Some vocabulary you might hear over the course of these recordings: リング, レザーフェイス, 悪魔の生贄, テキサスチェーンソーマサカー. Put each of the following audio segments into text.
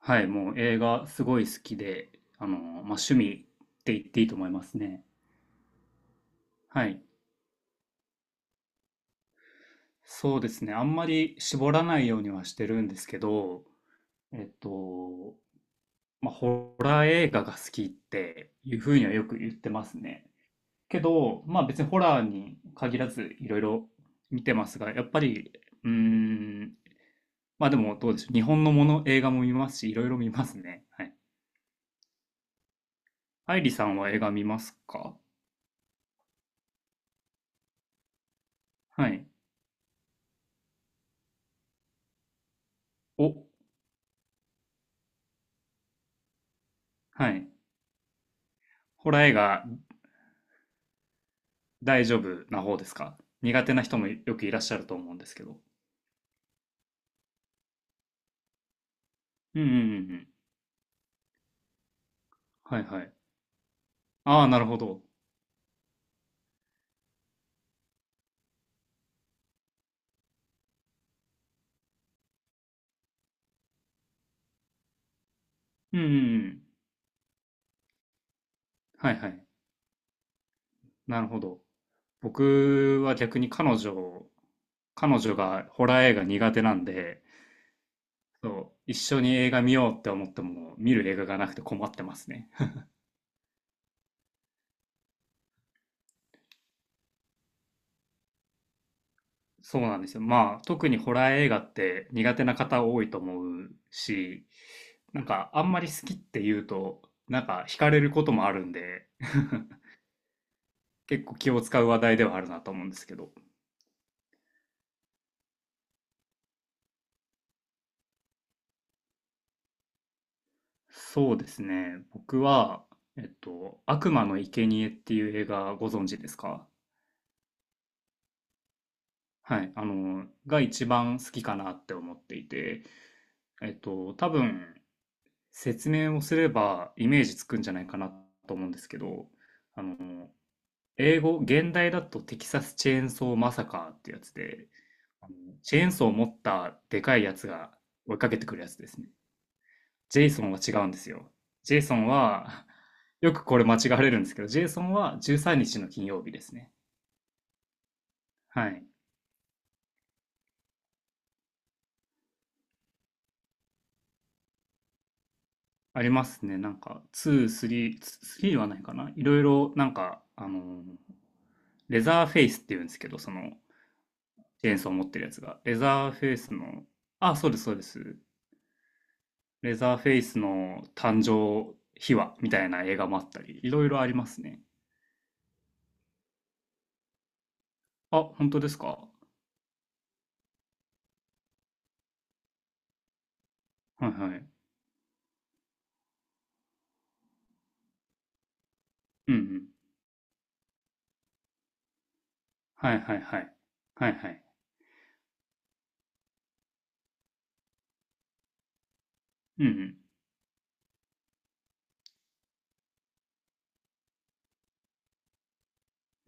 はい、もう映画すごい好きで、趣味って言っていいと思いますね。はい。そうですね。あんまり絞らないようにはしてるんですけど、えっと、まあ、ホラー映画が好きっていうふうにはよく言ってますね。けど、まあ別にホラーに限らずいろいろ見てますが、やっぱり、うーん、まあでもどうでしょう。日本のもの、映画も見ますし、いろいろ見ますね。はい。愛理さんは映画見ますか？はい。お、はい。ホラー映画大丈夫な方ですか？苦手な人もよくいらっしゃると思うんですけど。うんうんうんうん。はいはい。ああ、なるほど。うんうんうん。はいはい。なるほど。僕は逆に彼女がホラー映画苦手なんで、そう、一緒に映画見ようって思っても見る映画がなくて困ってますね。そうなんですよ。まあ、特にホラー映画って苦手な方多いと思うし、なんかあんまり好きって言うと、なんか惹かれることもあるんで、結構気を使う話題ではあるなと思うんですけど。そうですね。僕は、悪魔の生贄っていう映画ご存知ですか？はい。が一番好きかなって思っていて、多分、説明をすればイメージつくんじゃないかなと思うんですけど、英語、現代だとテキサスチェーンソーマサカーってやつで、あのチェーンソーを持ったでかいやつが追いかけてくるやつですね。JSON は違うんですよ。JSON は、よくこれ間違われるんですけど、JSON は13日の金曜日ですね。はい。ありますね。なんか、2、3、3はないかないろいろ、なんか、レザーフェイスって言うんですけど、その、チェーンソーを持ってるやつが。レザーフェイスの、あ、そうです、そうです。レザーフェイスの誕生秘話みたいな映画もあったり、いろいろありますね。あ、本当ですか？はいはい。うんうん。はいはいはい。はいはい。うんうん。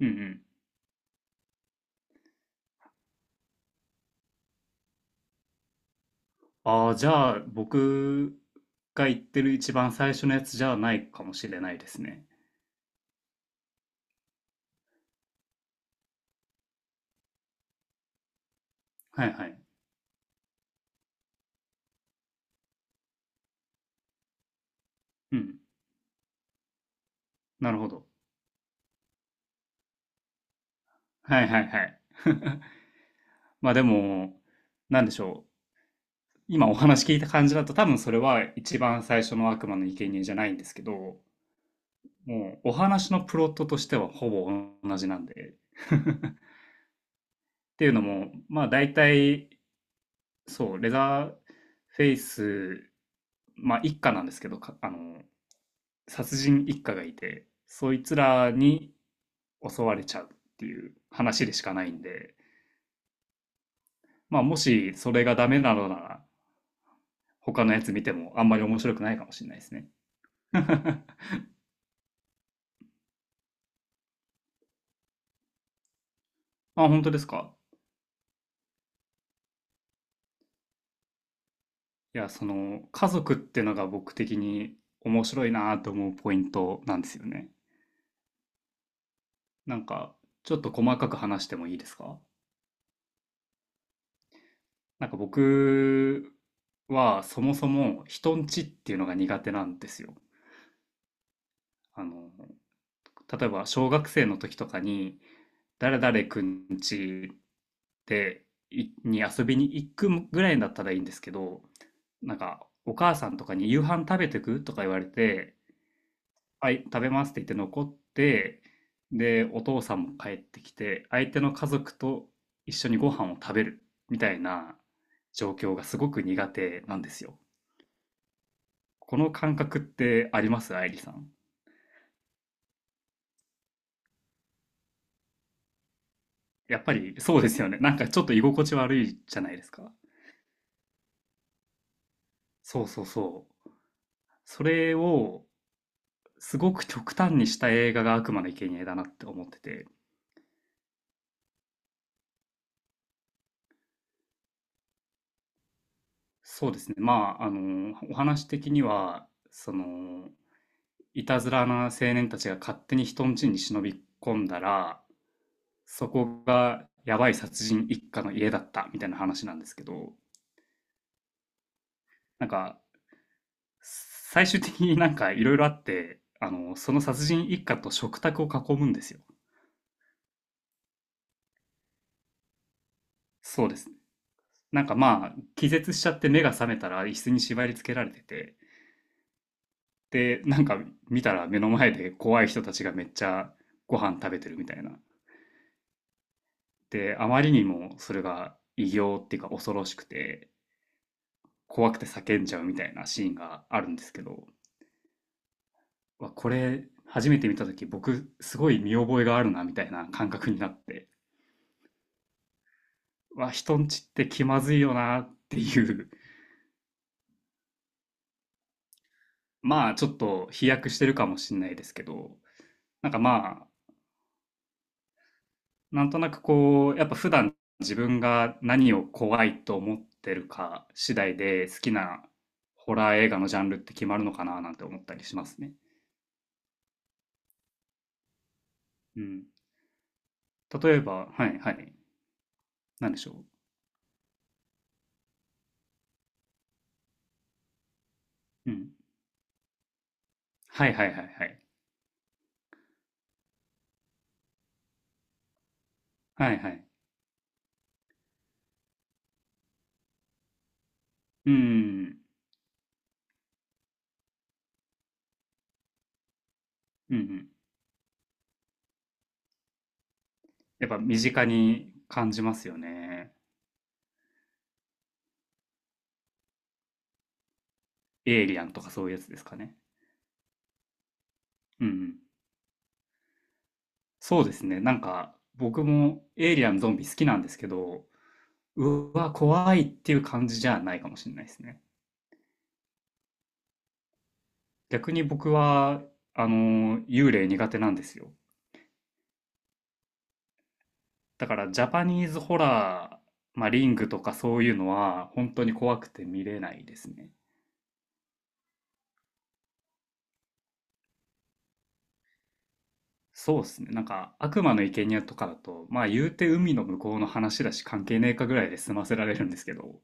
うんうん。ああ、じゃあ、僕が言ってる一番最初のやつじゃないかもしれないですね。はいはい。うん。なるほど。はいはいはい。まあでも、なんでしょう。今お話聞いた感じだと多分それは一番最初の悪魔の生贄じゃないんですけど、もうお話のプロットとしてはほぼ同じなんで。っていうのも、まあ大体、そう、レザーフェイス、まあ一家なんですけど、か殺人一家がいて、そいつらに襲われちゃうっていう話でしかないんで、まあもしそれがダメなのなら、他のやつ見てもあんまり面白くないかもしれないですね。あ、本当ですか？いや、その、家族ってのが僕的に面白いなと思うポイントなんですよね。なんか、ちょっと細かく話してもいいですか？なんか僕はそもそも人んちっていうのが苦手なんですよ。あの、例えば小学生の時とかに誰々くん家でいに遊びに行くぐらいだったらいいんですけど、なんかお母さんとかに夕飯食べてくとか言われて、はい食べますって言って残って、でお父さんも帰ってきて相手の家族と一緒にご飯を食べるみたいな状況がすごく苦手なんですよ。この感覚ってあります、愛理さん？やっぱりそうですよね。なんかちょっと居心地悪いじゃないですか。そうそうそう。それをすごく極端にした映画が悪魔の生贄だなって思ってて、そうですね。まあ、お話的には、その、いたずらな青年たちが勝手に人ん家に忍び込んだら、そこがやばい殺人一家の家だったみたいな話なんですけど、なんか、最終的になんかいろいろあって、その殺人一家と食卓を囲むんですよ。そうですね。なんかまあ、気絶しちゃって目が覚めたら椅子に縛り付けられてて、で、なんか見たら目の前で怖い人たちがめっちゃご飯食べてるみたいな。で、あまりにもそれが異形っていうか恐ろしくて、怖くて叫んじゃうみたいなシーンがあるんですけど、わこれ初めて見た時僕すごい見覚えがあるなみたいな感覚になって、わ、人んちって気まずいよなっていう、まあちょっと飛躍してるかもしれないですけど、なんかまあなんとなくこう、やっぱ普段自分が何を怖いと思ってるか次第で好きなホラー映画のジャンルって決まるのかななんて思ったりしますね。うん。例えば、はいはい。なんでしょう。うん。はいはいはいはい。はいはい。うん。うんうん。やっぱ身近に感じますよね。エイリアンとかそういうやつですかね？うんうん。そうですね。なんか僕もエイリアンゾンビ好きなんですけど、うわ、怖いっていう感じじゃないかもしれないですね。逆に僕は、幽霊苦手なんですよ。だから、ジャパニーズホラー、まあ、リングとかそういうのは、本当に怖くて見れないですね。そうですね。なんか、悪魔の生贄とかだと、まあ、言うて海の向こうの話だし、関係ねえかぐらいで済ませられるんですけど、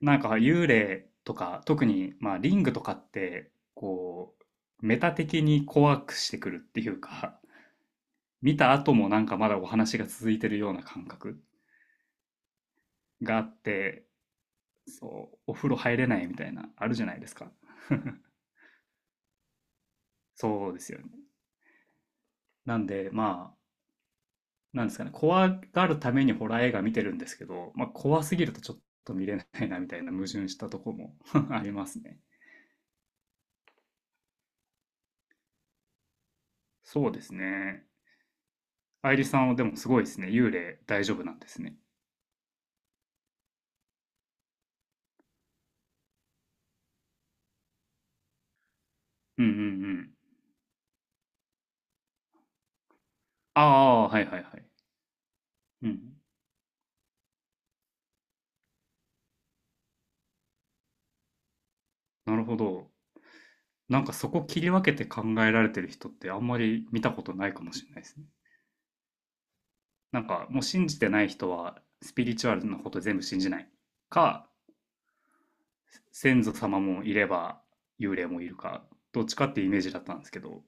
なんか、幽霊とか、特に、まあ、リングとかって、こう、メタ的に怖くしてくるっていうか、見た後もなんかまだお話が続いてるような感覚があって、そう、お風呂入れないみたいな、あるじゃないですか。そうですよね。なんで、まあ、なんですかね、怖がるためにホラー映画見てるんですけど、まあ、怖すぎるとちょっと見れないなみたいな矛盾したとこも ありますね。そうですね。愛梨さんはでもすごいですね。幽霊大丈夫なんですね。うんうんうん。ああ、はいはいはい。うん。なるほど。なんかそこ切り分けて考えられてる人ってあんまり見たことないかもしれないですね。なんかもう信じてない人はスピリチュアルなこと全部信じないか、先祖様もいれば幽霊もいるか、どっちかっていうイメージだったんですけど、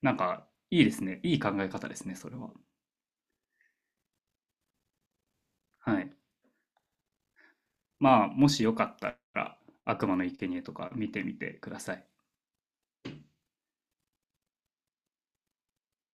なんかいいですね、いい考え方ですねそれは。はい。まあもしよかったら悪魔の生贄とか見てみてください。